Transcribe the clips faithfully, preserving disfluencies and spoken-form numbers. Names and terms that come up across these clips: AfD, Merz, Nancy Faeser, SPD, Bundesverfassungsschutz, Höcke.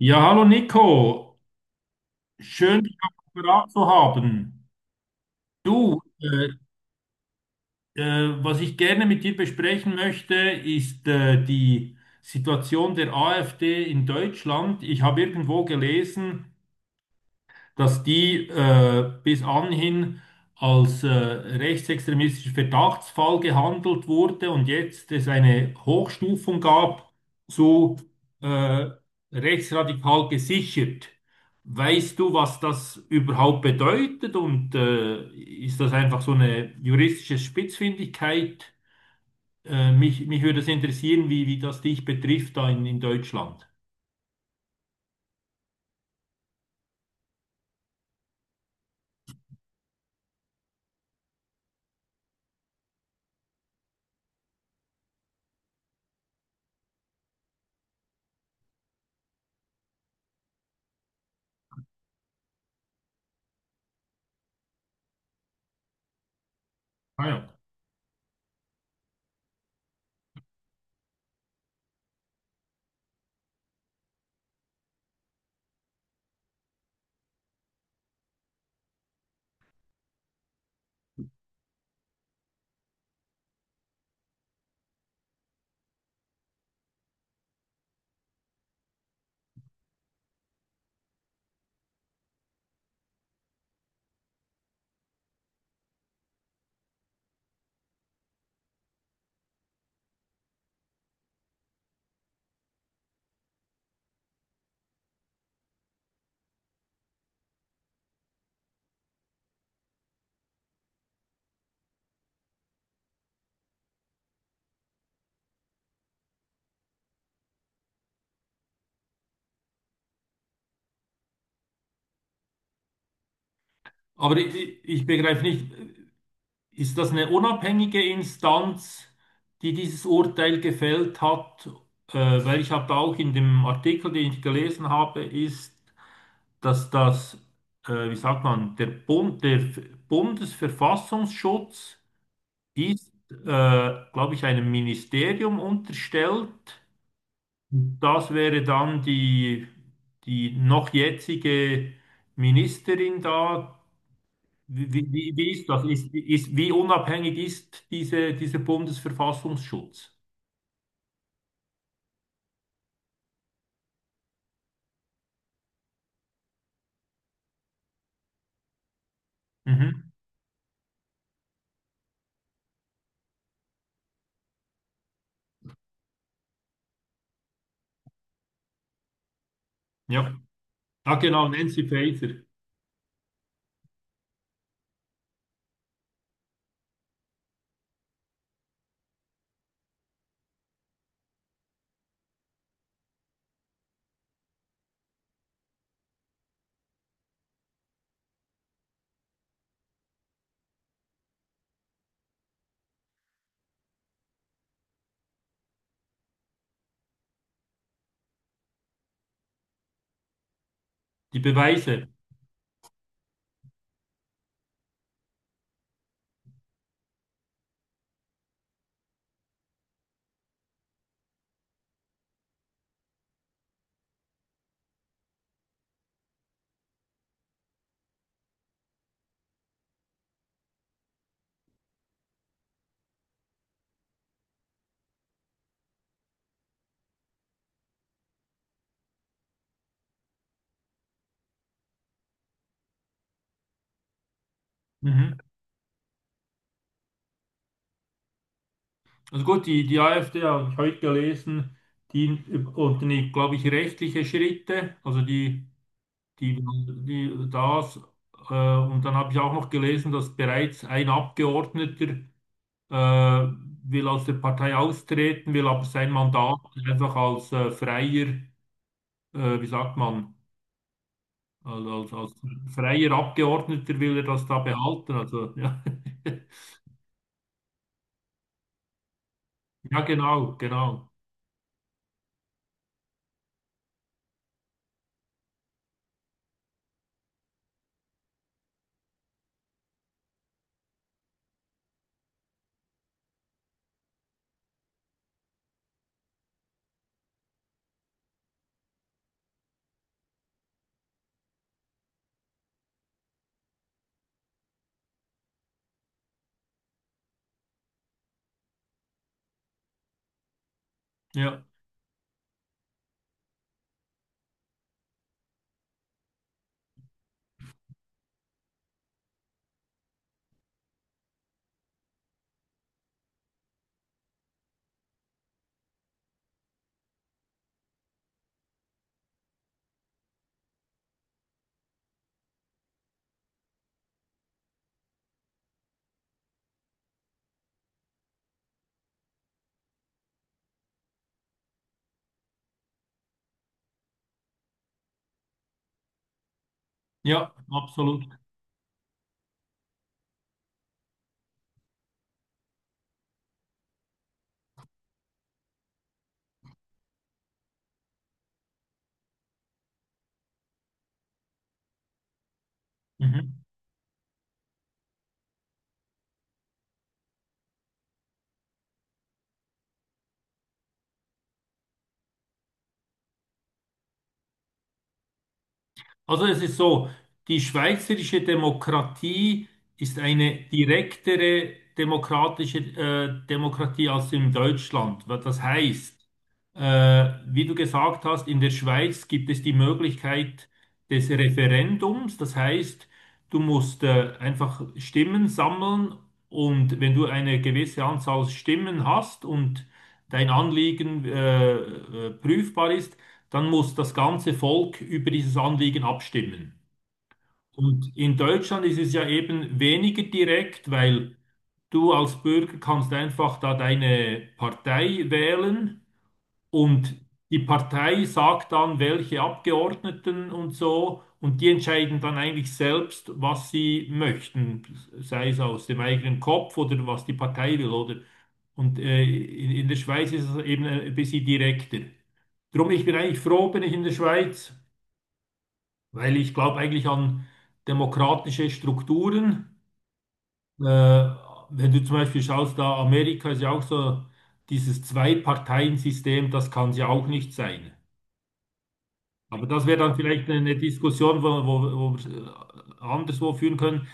Ja, hallo Nico, schön dich auf dem Apparat zu haben. Du, äh, äh, was ich gerne mit dir besprechen möchte, ist äh, die Situation der AfD in Deutschland. Ich habe irgendwo gelesen, dass die äh, bis anhin als äh, rechtsextremistischer Verdachtsfall gehandelt wurde und jetzt es eine Hochstufung gab zu äh, rechtsradikal gesichert. Weißt du, was das überhaupt bedeutet und äh, ist das einfach so eine juristische Spitzfindigkeit? Äh, mich, mich würde es interessieren, wie, wie das dich betrifft da in, in Deutschland. Ah ja. Aber ich, ich begreife nicht, ist das eine unabhängige Instanz, die dieses Urteil gefällt hat? Äh, weil ich habe auch in dem Artikel, den ich gelesen habe, ist, dass das, äh, wie sagt man, der Bund, der F- Bundesverfassungsschutz ist, äh, glaube ich, einem Ministerium unterstellt. Das wäre dann die, die noch jetzige Ministerin da, wie, wie, wie ist das? Ist, ist, wie unabhängig ist diese, dieser Bundesverfassungsschutz? Mhm. Ja. Ah, genau, Nancy Faeser. Die Beweise. Mhm. Also gut, die, die AfD habe ich heute gelesen, die unternimmt, glaube ich, rechtliche Schritte. Also die, die, die das. Äh, und dann habe ich auch noch gelesen, dass bereits ein Abgeordneter äh, will aus der Partei austreten, will aber sein Mandat einfach als äh, freier äh, wie sagt man, Also als, als freier Abgeordneter will er das da behalten. Also ja, ja genau, genau. Ja, ja, absolut. Mhm. Also es ist so, die schweizerische Demokratie ist eine direktere demokratische äh, Demokratie als in Deutschland. Was das heißt, äh, wie du gesagt hast, in der Schweiz gibt es die Möglichkeit des Referendums. Das heißt, du musst äh, einfach Stimmen sammeln und wenn du eine gewisse Anzahl Stimmen hast und dein Anliegen äh, äh, prüfbar ist, dann muss das ganze Volk über dieses Anliegen abstimmen. Und in Deutschland ist es ja eben weniger direkt, weil du als Bürger kannst einfach da deine Partei wählen und die Partei sagt dann, welche Abgeordneten und so, und die entscheiden dann eigentlich selbst, was sie möchten, sei es aus dem eigenen Kopf oder was die Partei will, oder? Und äh, in, in der Schweiz ist es eben ein bisschen direkter. Drum, ich bin eigentlich froh, bin ich in der Schweiz. Weil ich glaube eigentlich an demokratische Strukturen. Äh, Wenn du zum Beispiel schaust, da Amerika ist ja auch so dieses Zwei-Parteien-System, das kann es ja auch nicht sein. Aber das wäre dann vielleicht eine Diskussion, wo, wo, wo wir äh, anderswo führen können.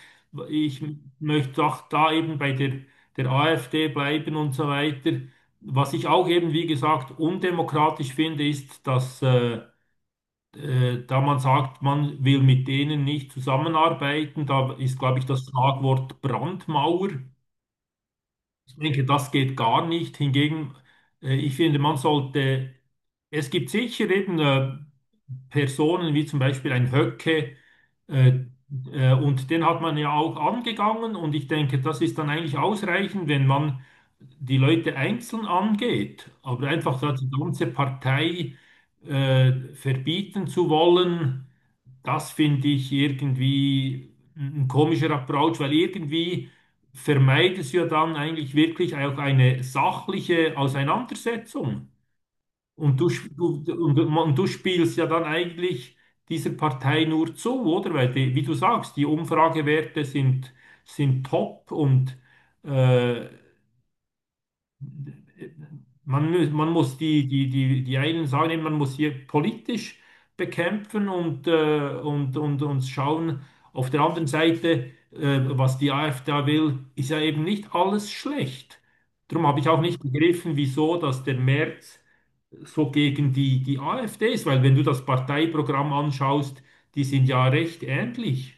Ich möchte auch da eben bei der, der AfD bleiben und so weiter. Was ich auch eben, wie gesagt, undemokratisch finde, ist, dass äh, äh, da man sagt, man will mit denen nicht zusammenarbeiten, da ist, glaube ich, das Schlagwort Brandmauer. Ich denke, das geht gar nicht. Hingegen, äh, ich finde, man sollte, es gibt sicher eben äh, Personen wie zum Beispiel ein Höcke, äh, äh, und den hat man ja auch angegangen und ich denke, das ist dann eigentlich ausreichend, wenn man die Leute einzeln angeht, aber einfach da die ganze Partei äh, verbieten zu wollen, das finde ich irgendwie ein komischer Approach, weil irgendwie vermeidet es ja dann eigentlich wirklich auch eine sachliche Auseinandersetzung. Und du, sp- du, und, und du spielst ja dann eigentlich dieser Partei nur zu, oder? Weil, die, wie du sagst, die Umfragewerte sind, sind top und äh, man, mü- man muss die, die, die, die, einen sagen, man muss hier politisch bekämpfen und, äh, und, und, und schauen. Auf der anderen Seite, äh, was die AfD da will, ist ja eben nicht alles schlecht. Darum habe ich auch nicht begriffen, wieso, dass der Merz so gegen die, die AfDs, weil wenn du das Parteiprogramm anschaust, die sind ja recht ähnlich.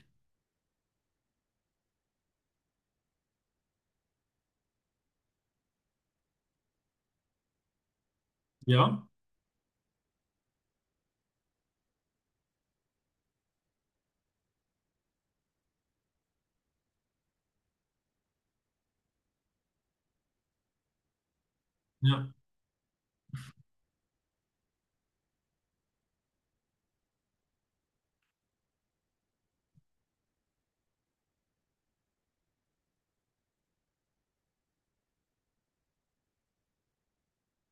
Ja, ja,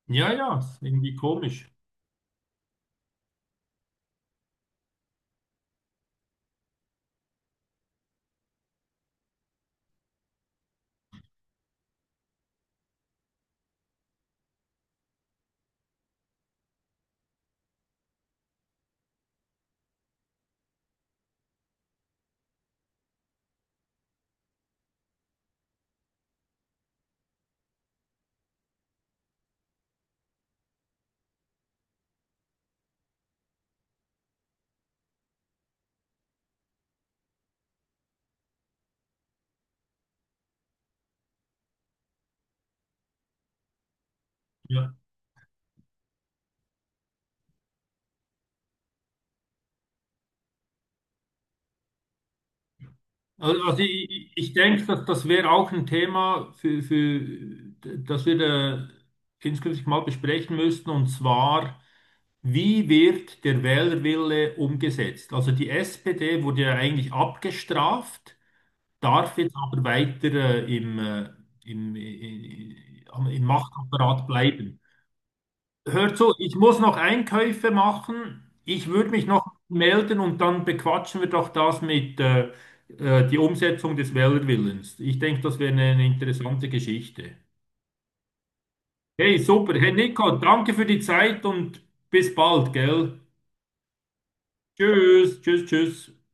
ja, ja, ist irgendwie komisch. Ja. Also also ich, ich denke, dass das wäre auch ein Thema, für, für, das wir da künftig mal besprechen müssten, und zwar, wie wird der Wählerwille umgesetzt? Also die S P D wurde ja eigentlich abgestraft, darf jetzt aber weiter äh, im, äh, im, i- i- im Machtapparat bleiben. Hört so, ich muss noch Einkäufe machen. Ich würde mich noch melden und dann bequatschen wir doch das mit äh, äh, die Umsetzung des Wählerwillens. Ich denke, das wäre eine interessante Geschichte. Hey, super. Hey Nico, danke für die Zeit und bis bald, gell? Tschüss, tschüss, tschüss.